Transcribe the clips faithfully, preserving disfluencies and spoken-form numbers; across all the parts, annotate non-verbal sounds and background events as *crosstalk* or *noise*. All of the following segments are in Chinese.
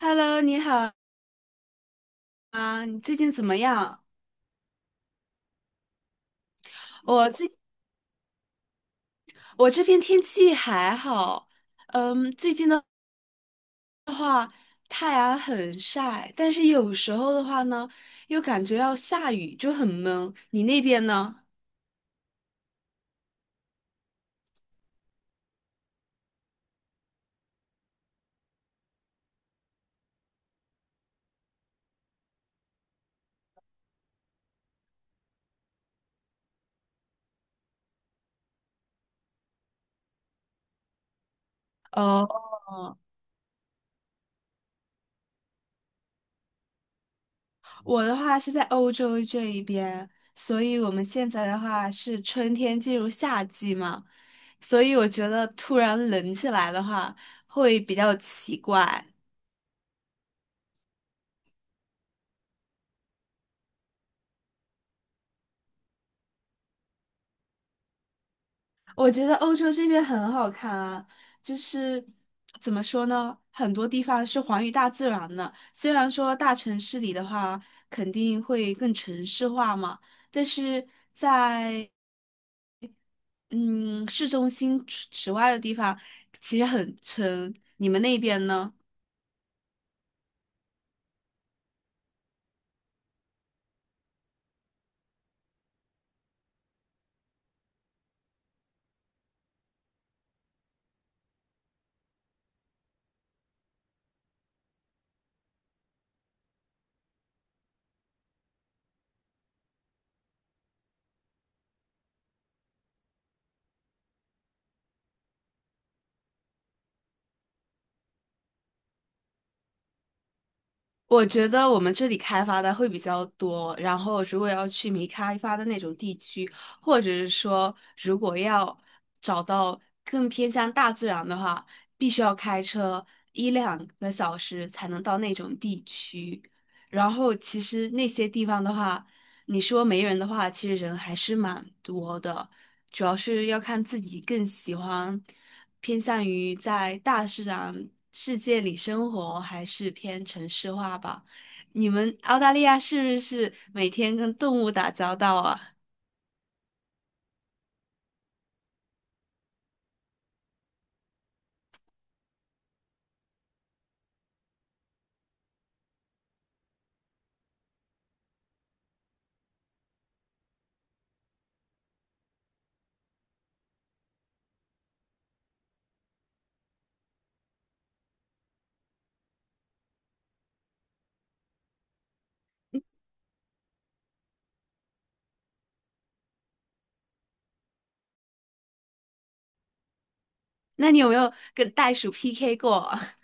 Hello，你好啊，你最近怎么样？我这我这边天气还好，嗯，最近的话太阳很晒，但是有时候的话呢，又感觉要下雨，就很闷。你那边呢？哦，我的话是在欧洲这一边，所以我们现在的话是春天进入夏季嘛，所以我觉得突然冷起来的话会比较奇怪。我觉得欧洲这边很好看啊，就是怎么说呢，很多地方是还于大自然的。虽然说大城市里的话肯定会更城市化嘛，但是在嗯市中心之之外的地方，其实很村。你们那边呢？我觉得我们这里开发的会比较多，然后如果要去没开发的那种地区，或者是说如果要找到更偏向大自然的话，必须要开车一两个小时才能到那种地区。然后其实那些地方的话，你说没人的话，其实人还是蛮多的，主要是要看自己更喜欢。偏向于在大自然世界里生活，还是偏城市化吧？你们澳大利亚是不是每天跟动物打交道啊？那你有没有跟袋鼠 P K 过啊？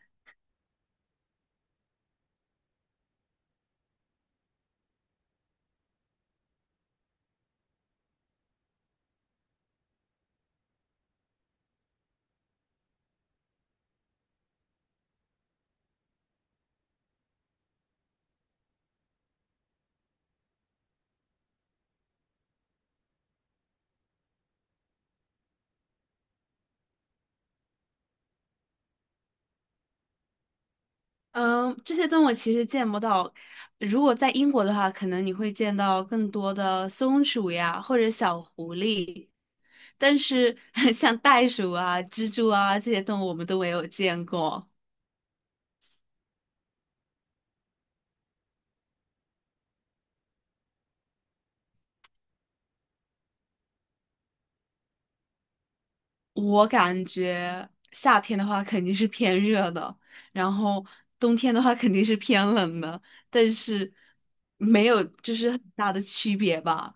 *laughs* 嗯，这些动物其实见不到。如果在英国的话，可能你会见到更多的松鼠呀，或者小狐狸。但是 *laughs* 像袋鼠啊、蜘蛛啊这些动物，我们都没有见过。我感觉夏天的话肯定是偏热的，然后冬天的话肯定是偏冷的，但是没有就是很大的区别吧。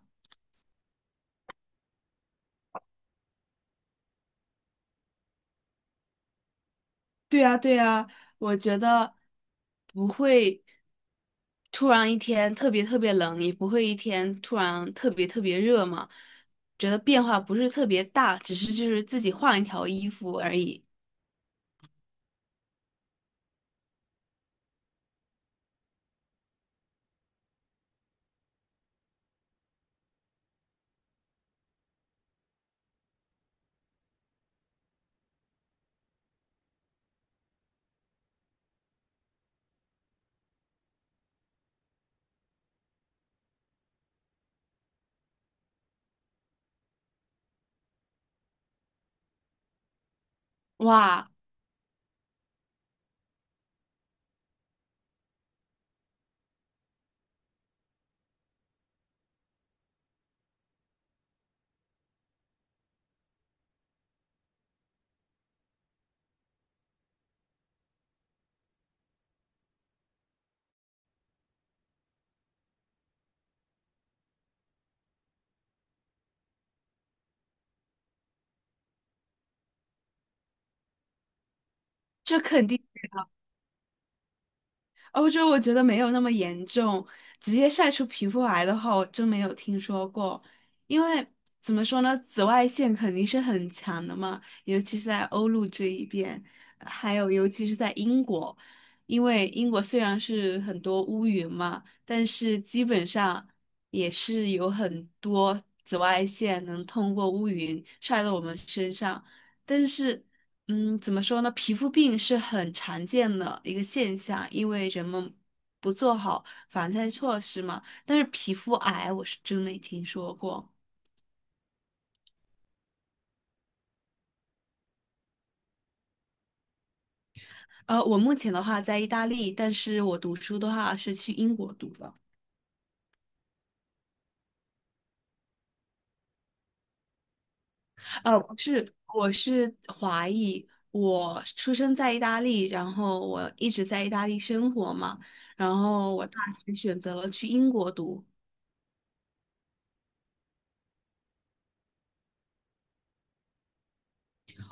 对呀，对呀，我觉得不会突然一天特别特别冷，也不会一天突然特别特别热嘛。觉得变化不是特别大，只是就是自己换一条衣服而已。哇，这肯定。欧洲我觉得没有那么严重，直接晒出皮肤癌的话，我真没有听说过。因为怎么说呢，紫外线肯定是很强的嘛，尤其是在欧陆这一边，还有尤其是在英国，因为英国虽然是很多乌云嘛，但是基本上也是有很多紫外线能通过乌云晒到我们身上，但是。嗯，怎么说呢？皮肤病是很常见的一个现象，因为人们不做好防晒措施嘛。但是皮肤癌我是真没听说过。呃，我目前的话在意大利，但是我读书的话是去英国读的。呃，不是，我是华裔，我出生在意大利，然后我一直在意大利生活嘛，然后我大学选择了去英国读。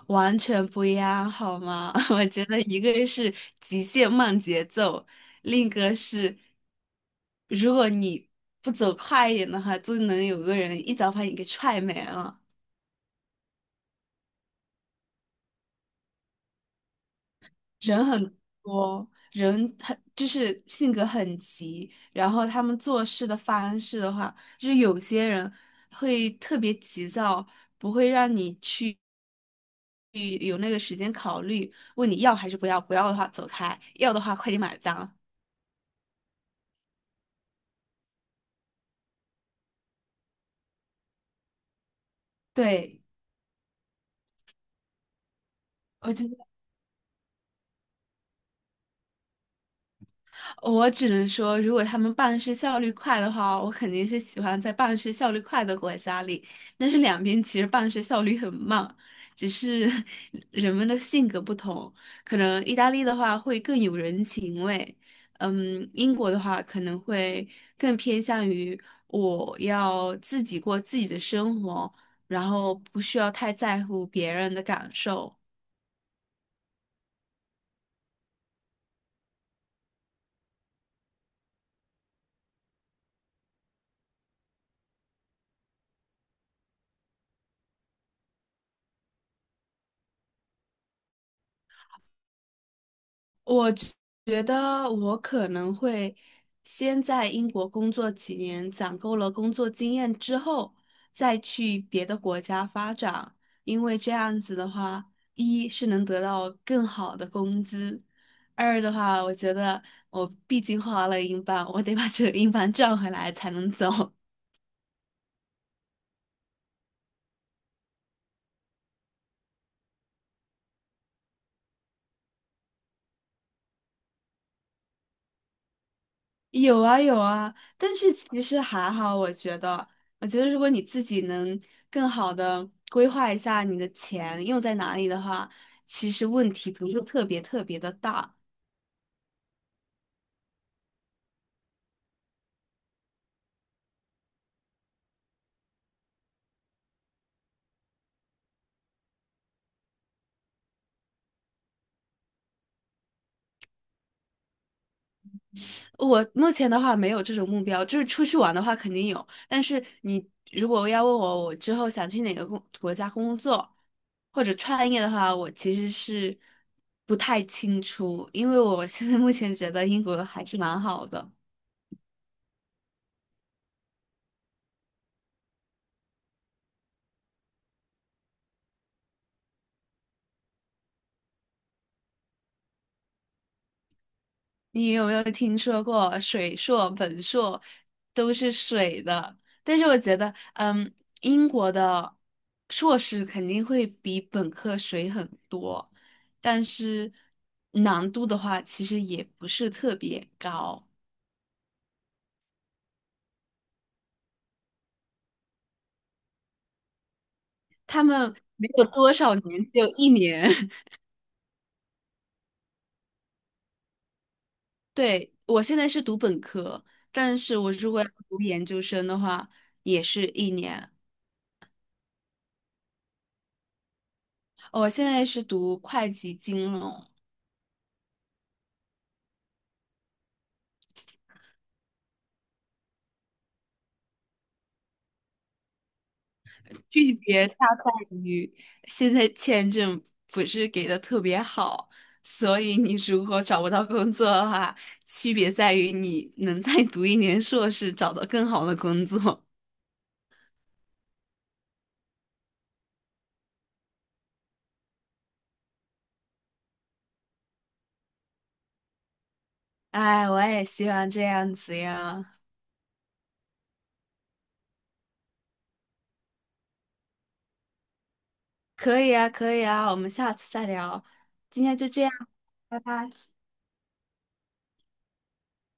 完全不一样，好吗？*laughs* 我觉得一个是极限慢节奏，另一个是，如果你不走快一点的话，都能有个人一脚把你给踹没了。人很多，人很就是性格很急，然后他们做事的方式的话，就是有些人会特别急躁，不会让你去有那个时间考虑，问你要还是不要，不要的话走开，要的话快点买单。对，我觉得我只能说，如果他们办事效率快的话，我肯定是喜欢在办事效率快的国家里。但是两边其实办事效率很慢，只是 *laughs* 人们的性格不同。可能意大利的话会更有人情味，嗯，英国的话可能会更偏向于我要自己过自己的生活，然后不需要太在乎别人的感受。我觉觉得我可能会先在英国工作几年，攒够了工作经验之后，再去别的国家发展，因为这样子的话，一是能得到更好的工资，二的话，我觉得我毕竟花了英镑，我得把这个英镑赚回来才能走。有啊有啊，但是其实还好，我觉得，我觉得如果你自己能更好的规划一下你的钱用在哪里的话，其实问题不是特别特别的大。我目前的话没有这种目标，就是出去玩的话肯定有，但是你如果要问我我之后想去哪个工国家工作或者创业的话，我其实是不太清楚，因为我现在目前觉得英国还是蛮好的。你有没有听说过水硕、本硕都是水的？但是我觉得，嗯，英国的硕士肯定会比本科水很多，但是难度的话，其实也不是特别高。他们没有多少年，只有一年。*laughs* 对，我现在是读本科，但是我如果要读研究生的话，也是一年。哦我现在是读会计金融。区别它在于现在签证不是给的特别好，所以你如果找不到工作的话，区别在于你能再读一年硕士，找到更好的工作。*laughs* 哎，我也希望这样子呀。可以啊，可以啊，我们下次再聊。今天就这样，拜拜。